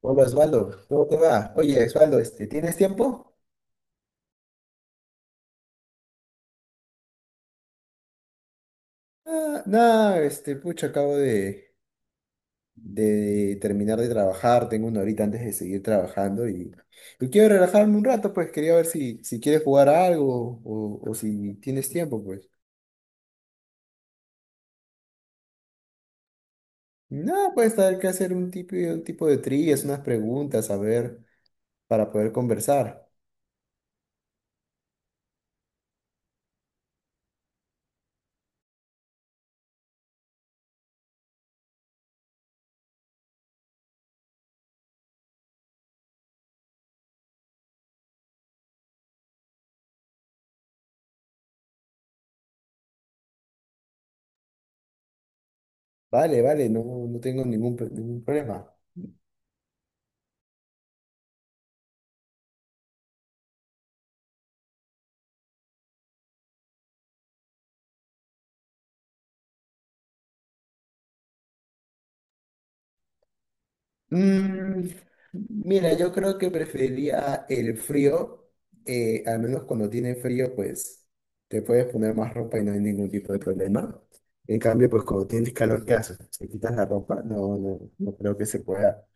Hola Osvaldo, ¿cómo te va? Oye, Osvaldo, ¿tienes tiempo? Ah, nada, pucha, acabo de terminar de trabajar, tengo una horita antes de seguir trabajando y quiero relajarme un rato, pues quería ver si quieres jugar a algo o si tienes tiempo, pues. Nada, pues hay que hacer un tipo de trillas, unas preguntas, a ver, para poder conversar. Vale, vale, no, no tengo ningún problema. Mm, mira, yo creo que preferiría el frío, al menos cuando tiene frío, pues te puedes poner más ropa y no hay ningún tipo de problema. En cambio, pues cuando tienes calor, ¿qué haces? ¿Te quitas la ropa? No, no, no creo que se pueda.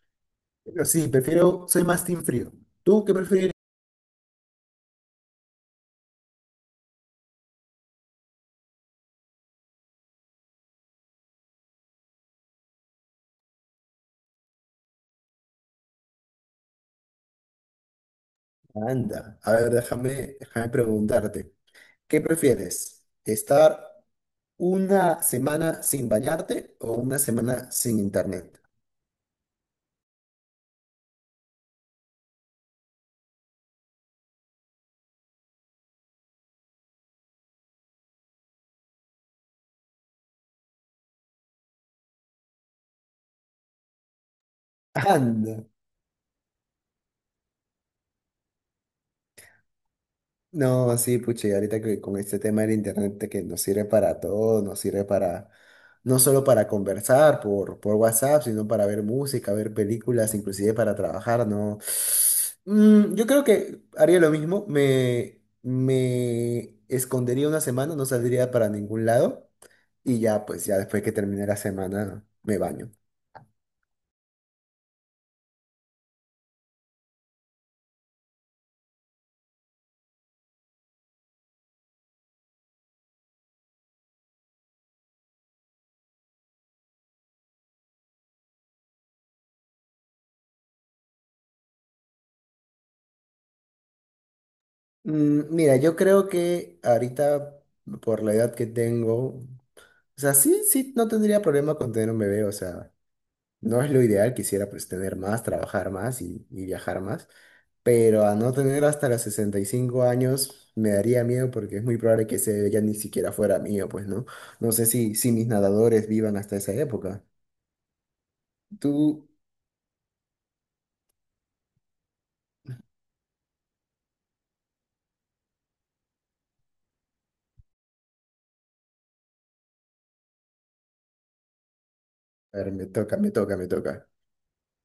Pero sí, prefiero, soy más team frío. ¿Tú qué prefieres? Anda, a ver, déjame, déjame preguntarte, ¿qué prefieres? ¿Estar una semana sin bañarte o una semana sin internet? Anda. No, sí, pucha, y ahorita que con este tema del internet de que nos sirve para todo, nos sirve no solo para conversar por WhatsApp, sino para ver música, ver películas, inclusive para trabajar, ¿no? Mm, yo creo que haría lo mismo, me escondería una semana, no saldría para ningún lado, y ya, pues ya después que termine la semana, me baño. Mm, mira, yo creo que ahorita, por la edad que tengo, o sea, sí, sí, no tendría problema con tener un bebé, o sea, no es lo ideal, quisiera pues tener más, trabajar más y viajar más, pero a no tener hasta los 65 años me daría miedo porque es muy probable que ese bebé ya ni siquiera fuera mío, pues, ¿no? No sé si mis nadadores vivan hasta esa época. Tú, a ver, me toca, me toca, me toca.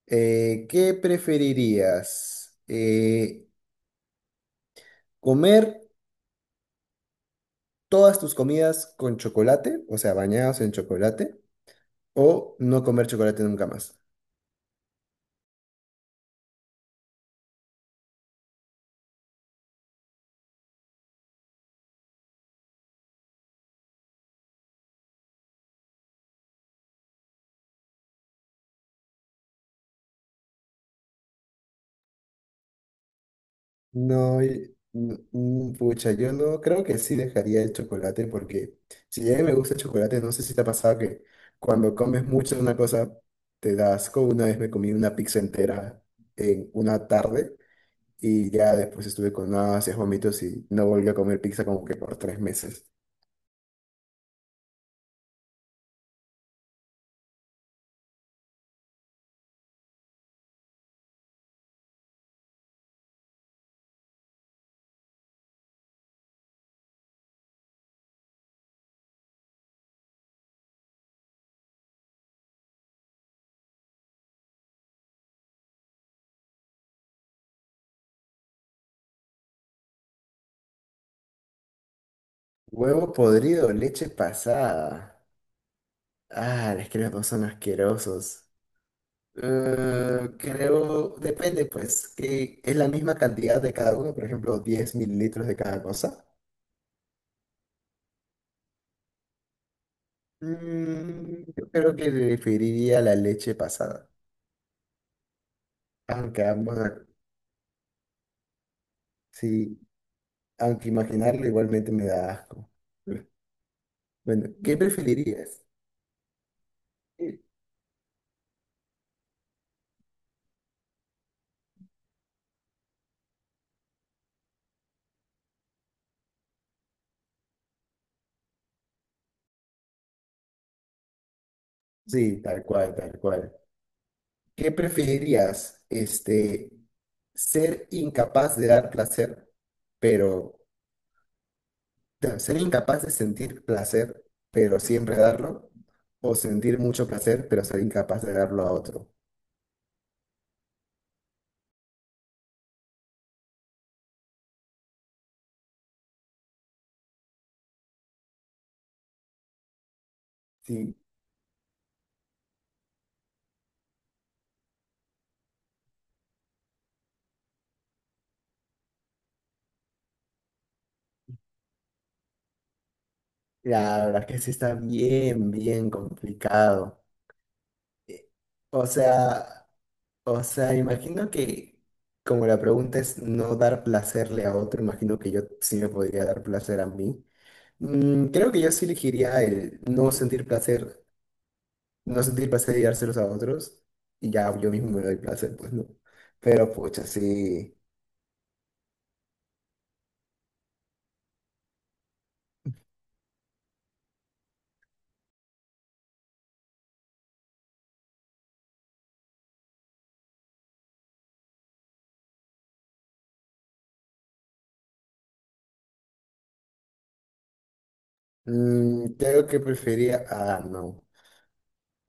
¿Qué preferirías? ¿Comer todas tus comidas con chocolate, o sea, bañados en chocolate, o no comer chocolate nunca más? No, y- mm, mm, Pucha, yo no creo que sí dejaría el chocolate porque si bien me gusta el chocolate, no sé si te ha pasado que cuando comes mucho de una cosa te da asco. Una vez me comí una pizza entera en una tarde y ya después estuve con náuseas, vómitos y no volví a comer pizza como que por tres meses. Huevo podrido, leche pasada. Ah, es que los dos son asquerosos. Creo, depende pues, que es la misma cantidad de cada uno, por ejemplo, diez mililitros de cada cosa. Mm, yo creo que preferiría la leche pasada, aunque ambos, sí, aunque imaginarlo igualmente me da asco. Bueno, ¿qué preferirías? Sí. Sí, tal cual, tal cual. ¿Qué preferirías? Ser incapaz de dar placer, pero no, ser incapaz de sentir placer, pero siempre darlo, o sentir mucho placer, pero ser incapaz de darlo a otro. Sí, la verdad que sí está bien, bien complicado. Eh, O sea, o sea, imagino que como la pregunta es no dar placerle a otro, imagino que yo sí me podría dar placer a mí. Mm, creo que yo sí elegiría el no sentir placer, no sentir placer y dárselos a otros, y ya yo mismo me doy placer, pues no. Pero pucha, sí. Mm, creo que preferiría. Ah, no.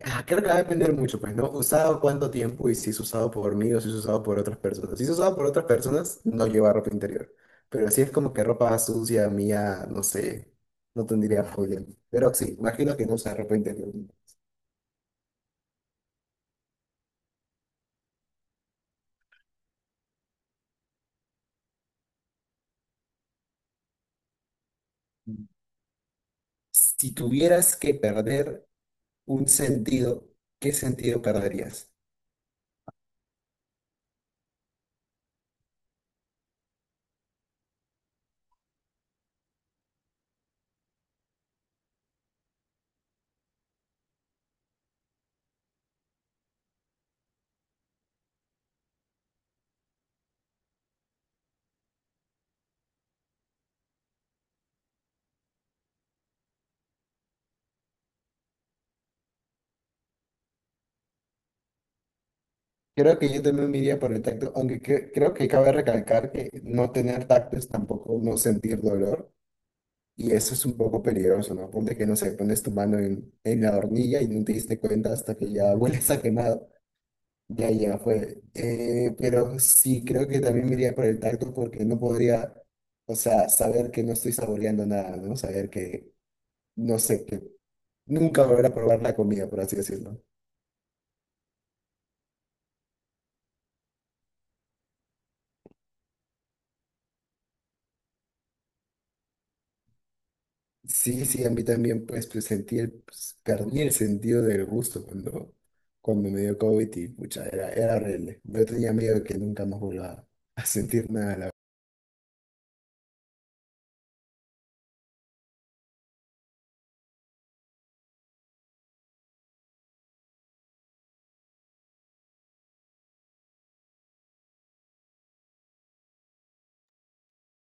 Ah, creo que va a depender mucho, pues, ¿no? Usado cuánto tiempo y si es usado por mí o si es usado por otras personas. Si es usado por otras personas, no lleva ropa interior. Pero si es como que ropa sucia, mía, no sé, no tendría problema. Pero sí, imagino que no usa ropa interior. Si tuvieras que perder un sentido, ¿qué sentido perderías? Creo que yo también me iría por el tacto, aunque creo que cabe recalcar que no tener tacto es tampoco no sentir dolor, y eso es un poco peligroso, ¿no? Ponte que, no sé, pones tu mano en la hornilla y no te diste cuenta hasta que ya hueles a quemado. Ya, ya fue. Pero sí, creo que también me iría por el tacto porque no podría, o sea, saber que no estoy saboreando nada, ¿no? Saber que, no sé, que nunca volver a probar la comida, por así decirlo. Sí, sí, a mí también, pues sentí perdí el sentido del gusto cuando me dio COVID pucha, era horrible. Yo tenía miedo de que nunca más vuelva a sentir nada.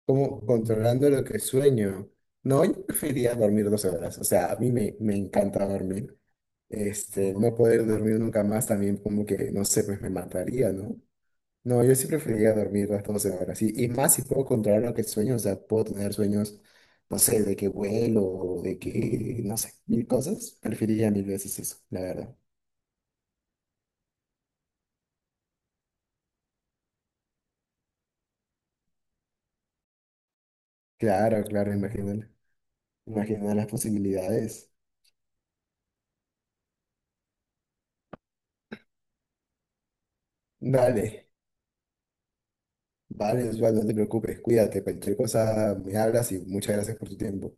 Como controlando lo que sueño. No, yo preferiría dormir 12 horas. O sea, a mí me encanta dormir. No poder dormir nunca más también como que, no sé, pues me mataría, ¿no? No, yo sí preferiría dormir las 12 horas. Y más si puedo controlar lo que sueño, o sea, puedo tener sueños, no sé, de que vuelo, no sé, mil cosas. Preferiría mil veces eso, la verdad. Claro, claro, imagínate. Imagina las posibilidades. Dale, vale, Osvaldo, no te preocupes, cuídate, cualquier cosa me hablas y muchas gracias por tu tiempo.